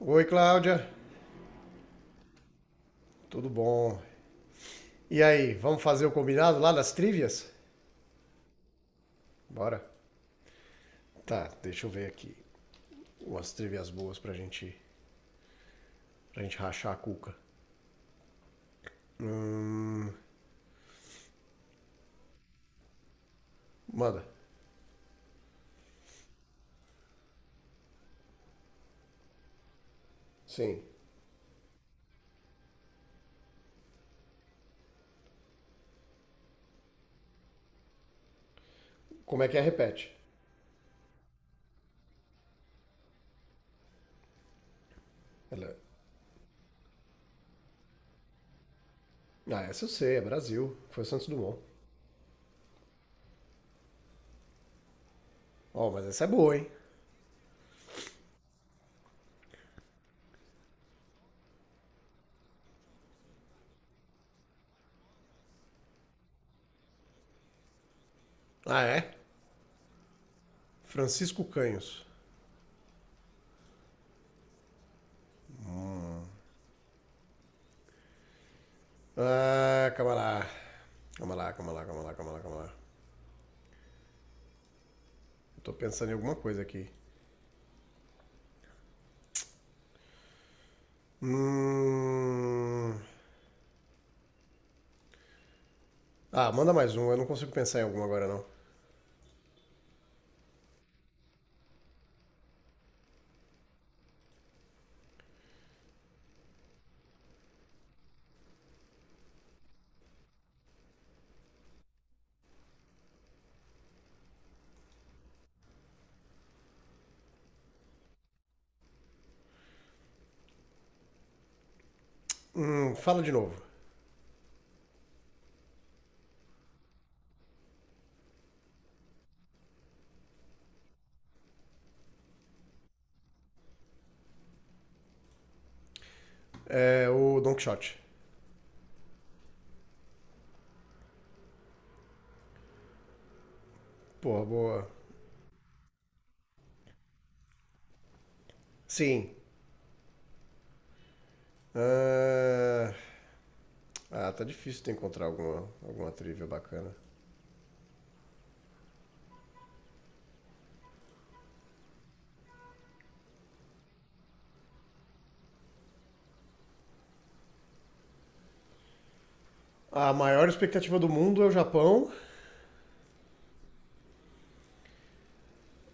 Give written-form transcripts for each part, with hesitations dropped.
Oi, Cláudia. Tudo bom? E aí, vamos fazer o combinado lá das trivias? Bora? Tá, deixa eu ver aqui. Umas trivias boas pra gente rachar a cuca. Hum, manda. Sim. Como é que é? Repete. Ela- Ah, essa eu sei, é Brasil. Foi o Santos Dumont. Ó, mas essa é boa, hein? Ah, é? Francisco Canhos. Ah, calma lá. Calma lá, calma lá, calma lá, calma lá, calma lá. Eu tô pensando em alguma coisa aqui. Hum. Ah, manda mais um, eu não consigo pensar em algum agora não. Fala de novo. É o Don Quixote. Porra, boa. Sim. Ah, ah, tá difícil de encontrar alguma, alguma trivia bacana. A maior expectativa do mundo é o Japão.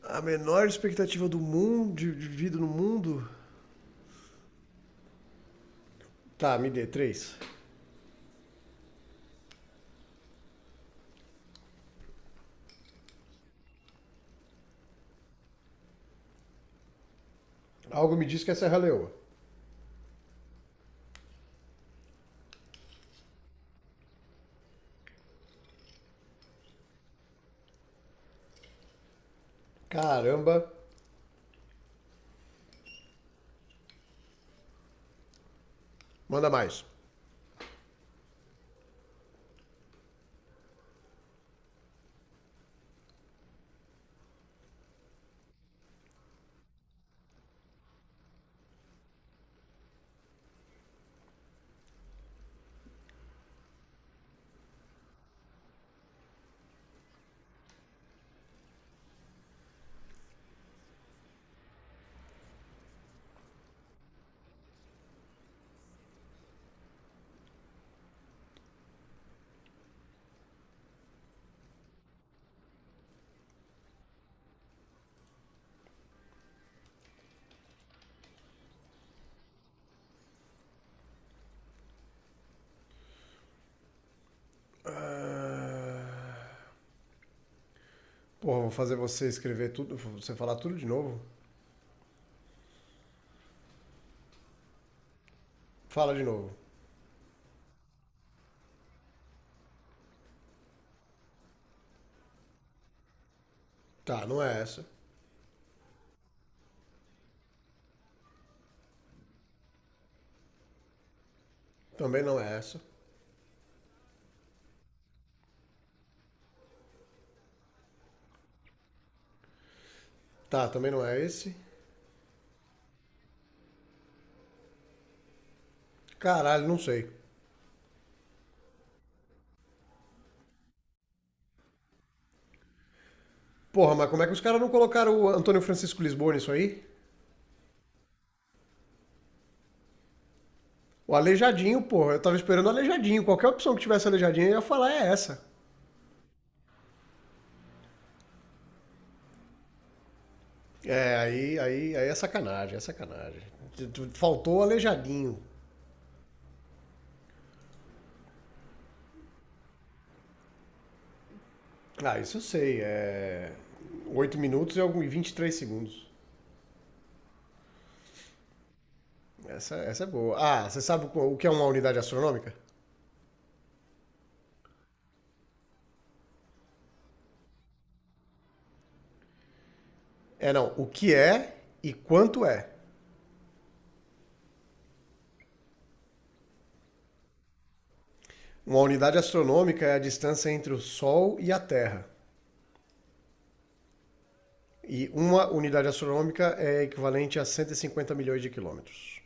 A menor expectativa do mundo, de vida no mundo. Tá, me dê três. Algo me diz que é Serra Leoa. Caramba. Manda mais. Ah, porra, vou fazer você escrever tudo, você falar tudo de novo. Fala de novo. Tá, não é essa. Também não é essa. Tá, também não é esse. Caralho, não sei. Porra, mas como é que os caras não colocaram o Antônio Francisco Lisboa nisso aí? O Aleijadinho, porra, eu tava esperando o Aleijadinho. Qualquer opção que tivesse Aleijadinho, eu ia falar é essa. É, aí, aí, aí é sacanagem, é sacanagem. Faltou o Aleijadinho. Ah, isso eu sei, é 8 minutos e 3 segundos. Essa é boa. Ah, você sabe o que é uma unidade astronômica? É, não. O que é e quanto é. Uma unidade astronômica é a distância entre o Sol e a Terra. E uma unidade astronômica é equivalente a 150 milhões de quilômetros.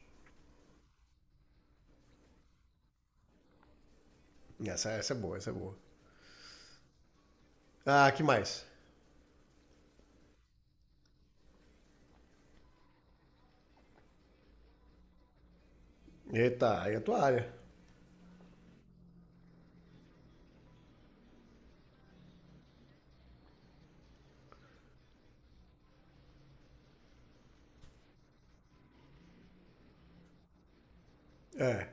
Essa é boa, essa é boa. Ah, que mais? Eita, aí é a tua área. É.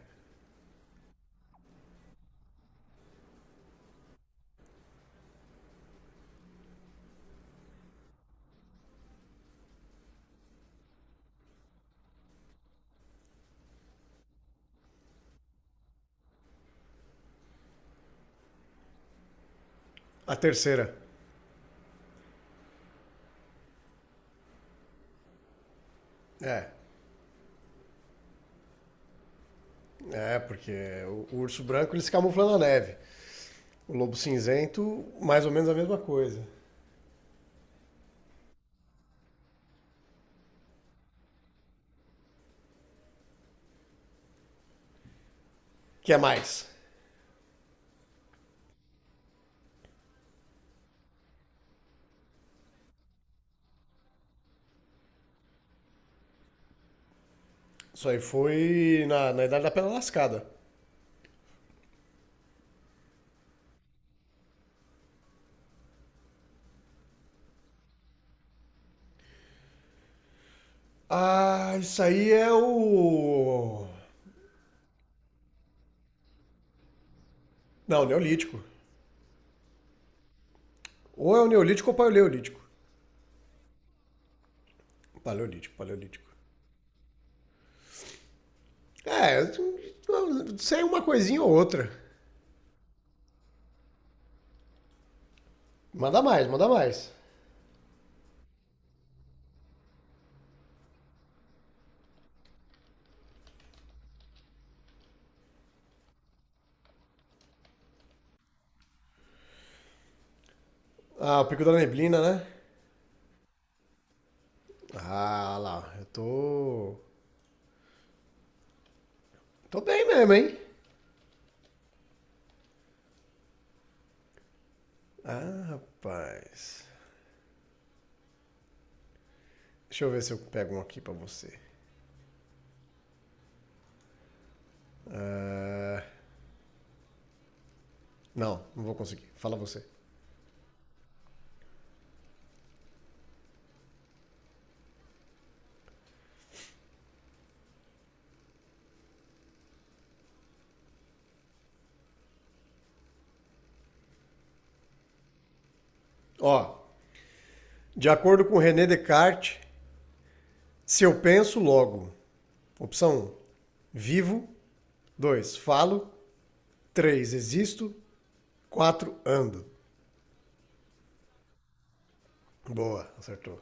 A terceira. É. É, porque o urso branco ele se camufla na neve. O lobo cinzento, mais ou menos a mesma coisa. Que é mais? Isso aí foi na Idade da Pedra Lascada. Ah, isso aí é o. Não, Neolítico. Ou é o Neolítico ou o Paleolítico. Paleolítico, Paleolítico. É, sei uma coisinha ou outra. Manda mais, manda mais. Ah, o Pico da Neblina, né? Ah, lá, eu tô. Tô bem mesmo, hein? Ah, rapaz. Deixa eu ver se eu pego um aqui pra você. Ah, não, não vou conseguir. Fala você. Ó, de acordo com René Descartes, se eu penso, logo. Opção um, vivo. Dois, falo. Três, existo. Quatro, ando. Boa, acertou.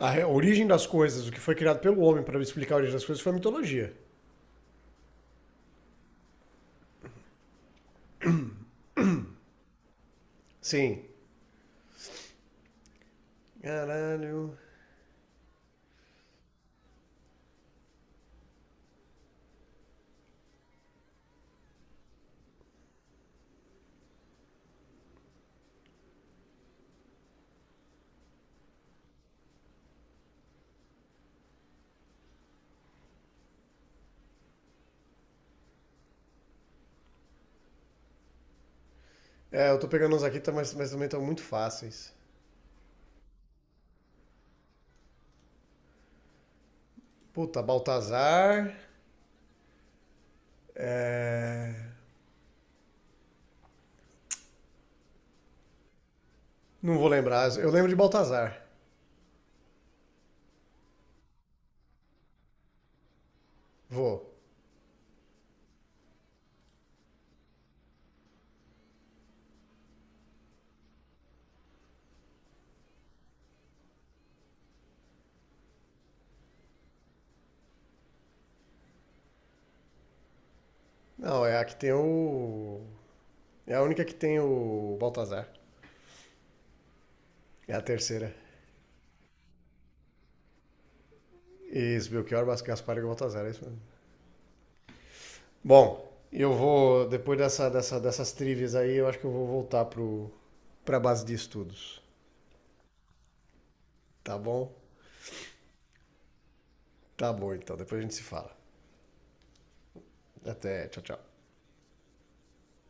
A origem das coisas, o que foi criado pelo homem para explicar a origem das coisas, foi a mitologia. Sim. Caralho. É, eu tô pegando uns aqui, tá, mas, também estão muito fáceis. Puta, Baltazar. É. Não vou lembrar. Eu lembro de Baltazar. Vou. Não, é a que tem o. É a única que tem o Baltazar. É a terceira. Isso, Belchior, Gaspar e Baltazar, é isso mesmo. Bom, eu vou, depois dessas trivias aí, eu acho que eu vou voltar pra base de estudos. Tá bom? Tá bom, então. Depois a gente se fala. Até, tchau, tchau.